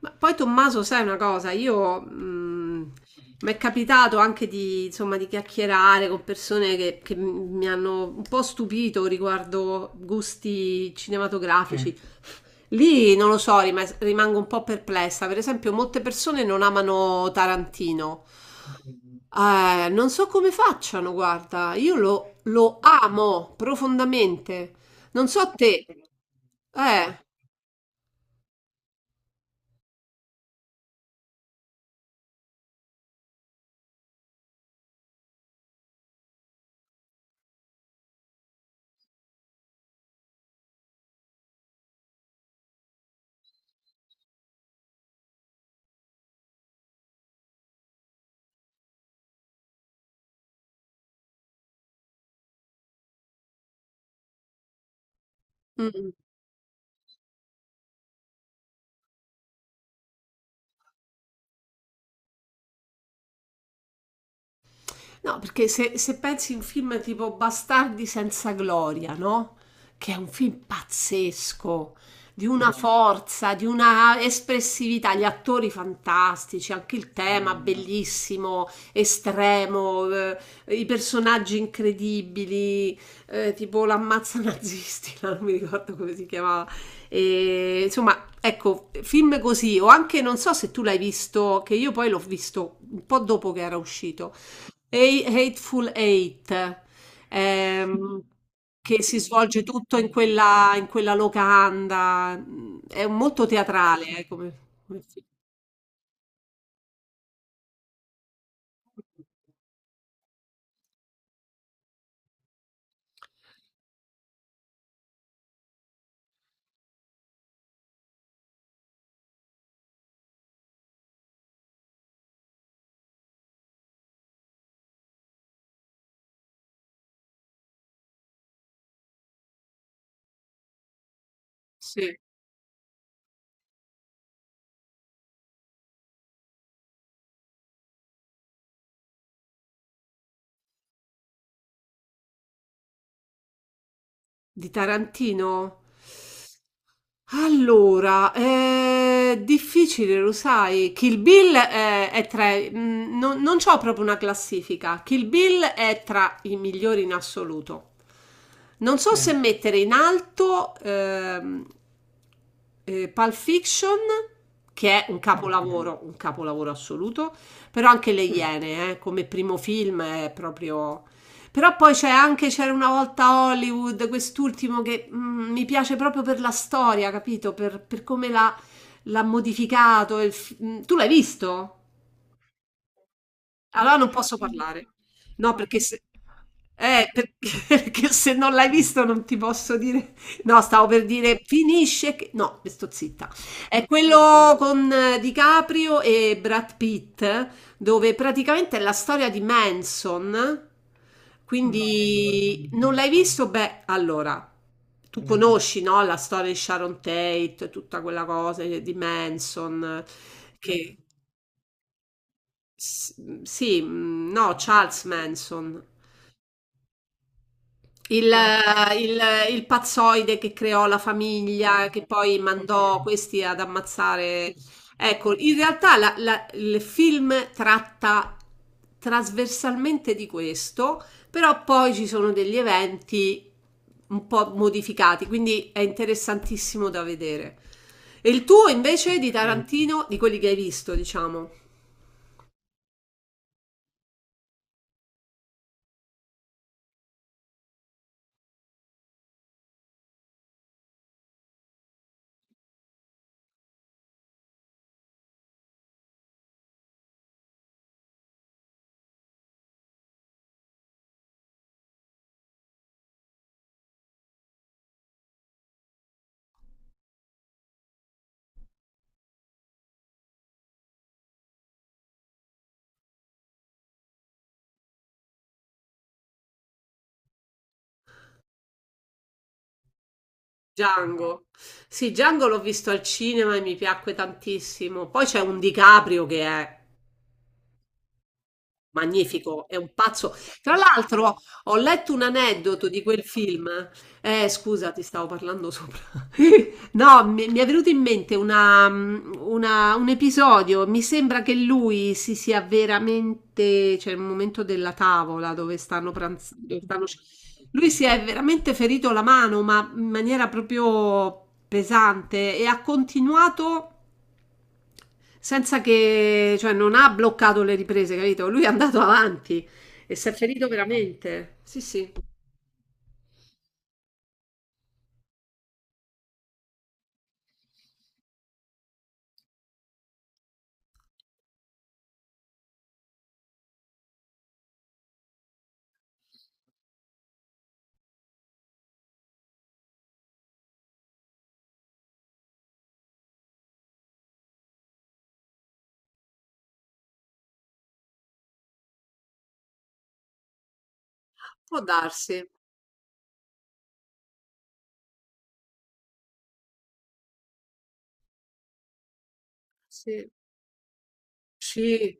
Ma poi Tommaso, sai una cosa, io mi è capitato anche di, insomma, di chiacchierare con persone che mi hanno un po' stupito riguardo gusti sì, cinematografici. Lì non lo so, rimango un po' perplessa. Per esempio, molte persone non amano Tarantino. Non so come facciano, guarda, io lo amo profondamente. Non so te. Eh. Mm. No, perché se pensi a un film tipo Bastardi senza gloria, no? Che è un film pazzesco, di una forza, di una espressività, gli attori fantastici, anche il tema bellissimo, estremo, i personaggi incredibili, tipo l'ammazza nazisti, no? Non mi ricordo come si chiamava. E, insomma, ecco, film così, o anche non so se tu l'hai visto, che io poi l'ho visto un po' dopo che era uscito. Hateful Eight, ehm, che si svolge tutto in quella locanda, mm, è molto teatrale, come, come film. Sì, di Tarantino? Allora, è difficile, lo sai. Kill Bill è tra... mm, non c'ho proprio una classifica. Kill Bill è tra i migliori in assoluto. Non so, sì, se, ok, mettere in alto Pulp Fiction, che è un, ok, capolavoro, un capolavoro assoluto, però anche Le, mm, Iene, come primo film, è proprio... Però poi c'è anche C'era una volta Hollywood, quest'ultimo che mm, mi piace proprio per la storia, capito? Per come l'ha, l'ha modificato. Tu l'hai visto? Allora non posso parlare. No, perché se, eh, per- perché se non l'hai visto non ti posso dire. No, stavo per dire finisce che... No, sto zitta. È quello con DiCaprio e Brad Pitt, dove praticamente è la storia di Manson. Quindi non l'hai visto? Beh, allora, tu conosci, no, la storia di Sharon Tate, tutta quella cosa di Manson che... S- sì, mm, no, Charles Manson, il, il pazzoide che creò la famiglia, che poi mandò questi ad ammazzare. Ecco, in realtà il film tratta trasversalmente di questo, però poi ci sono degli eventi un po' modificati, quindi è interessantissimo da vedere. E il tuo invece di Tarantino, di quelli che hai visto, diciamo. Django. Sì, Django l'ho visto al cinema e mi piacque tantissimo. Poi c'è un DiCaprio che è magnifico, è un pazzo. Tra l'altro, ho letto un aneddoto di quel film. Scusa, ti stavo parlando sopra. No, mi è venuto in mente un episodio. Mi sembra che lui si sia veramente, cioè il momento della tavola dove stanno pranzando, lui si è veramente ferito la mano, ma in maniera proprio pesante e ha continuato senza che, cioè non ha bloccato le riprese, capito? Lui è andato avanti e si è ferito veramente. Sì, sì, può darsi. Sì. Sì,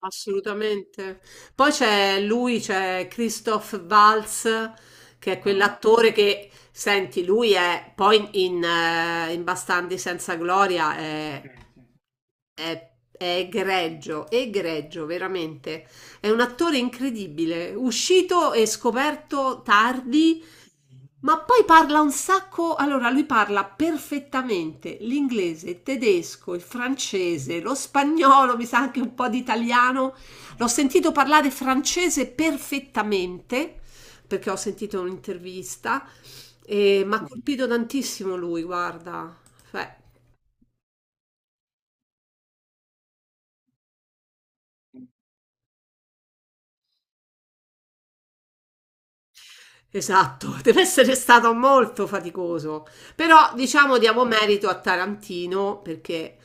assolutamente. Poi c'è lui, c'è Christoph Waltz, che è quell'attore che, senti, lui è poi in, in Bastardi senza gloria, è egregio, egregio, veramente. È un attore incredibile, uscito e scoperto tardi. Ma poi parla un sacco, allora lui parla perfettamente l'inglese, il tedesco, il francese, lo spagnolo, mi sa anche un po' di italiano. L'ho sentito parlare francese perfettamente perché ho sentito un'intervista e mi ha colpito tantissimo lui, guarda. Cioè, esatto, deve essere stato molto faticoso. Però diciamo diamo merito a Tarantino perché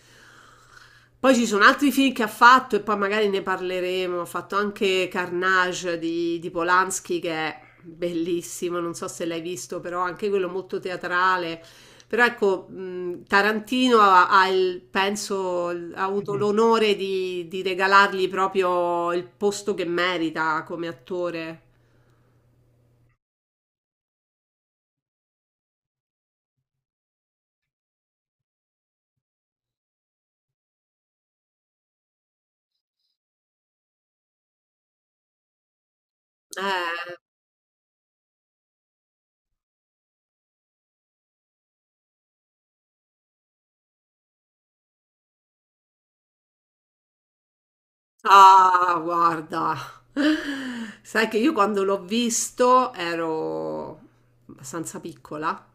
poi ci sono altri film che ha fatto e poi magari ne parleremo. Ha fatto anche Carnage di Polanski che è bellissimo, non so se l'hai visto, però anche quello molto teatrale. Però ecco, Tarantino ha penso, ha avuto l'onore di regalargli proprio il posto che merita come attore. Eh, Ah, guarda, sai che io quando l'ho visto ero abbastanza piccola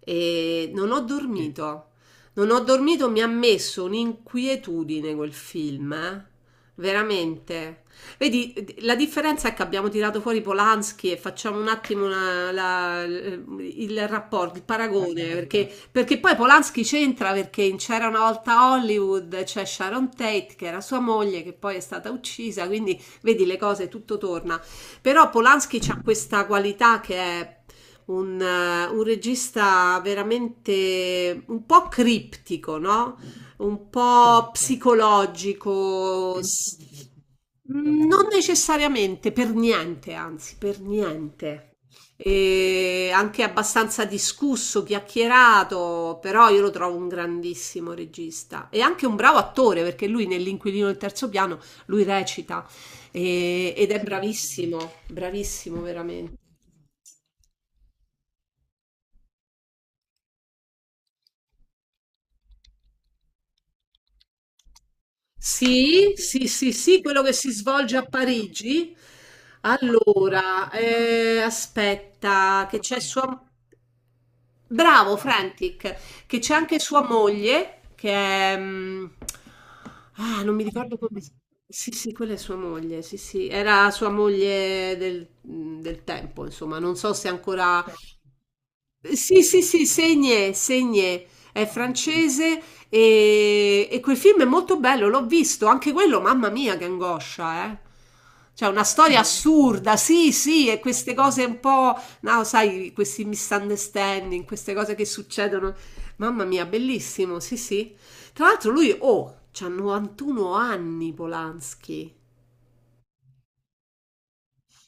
e non ho, sì, dormito. Non ho dormito, mi ha messo un'inquietudine quel film, eh. Veramente. Vedi, la differenza è che abbiamo tirato fuori Polanski e facciamo un attimo il rapporto, il paragone, perché poi Polanski c'entra perché in C'era una volta Hollywood c'è Sharon Tate che era sua moglie che poi è stata uccisa, quindi vedi le cose, tutto torna. Però Polanski ha questa qualità che è un regista veramente un po' criptico, no? Un po' psicologico. Mm, non necessariamente, per niente, anzi, per niente e anche abbastanza discusso, chiacchierato, però io lo trovo un grandissimo regista e anche un bravo attore perché lui nell'Inquilino del terzo piano lui recita ed è bravissimo, bravissimo veramente. Sì, sì, sì, sì, quello che si svolge a Parigi. Allora, aspetta, che c'è sua... Bravo, Frantic, che c'è anche sua moglie, che è... mm, ah, non mi ricordo come... sì, sì, quella è sua moglie, sì, sì, era sua moglie del, mm, del tempo, insomma, non so se ancora... Sì, sì, sì, Seigné, Seigné, è francese e quel film è molto bello, l'ho visto, anche quello, mamma mia, che angoscia, eh. Cioè, una storia assurda, sì, sì, e queste cose un po', no, sai, questi misunderstanding, queste cose che succedono, mamma mia, bellissimo, sì, sì. Tra l'altro lui, oh, c'ha 91 anni Polanski.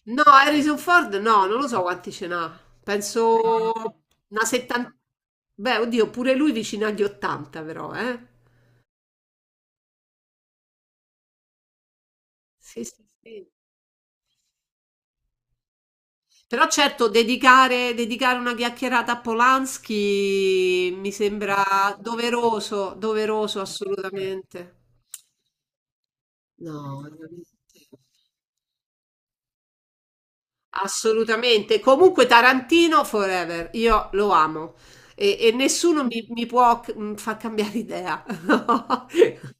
No, Harrison Ford no, non lo so quanti ce n'ha. Penso una settantina. Beh, oddio, pure lui vicino agli 80, però, eh. Sì, sì, sì. Però certo, dedicare, dedicare una chiacchierata a Polanski mi sembra doveroso, doveroso assolutamente. No, veramente. Assolutamente. Comunque Tarantino forever, io lo amo e nessuno mi può mm, far cambiare idea.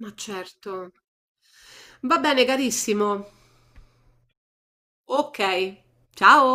Ma certo. Va bene, carissimo. Ok, ciao.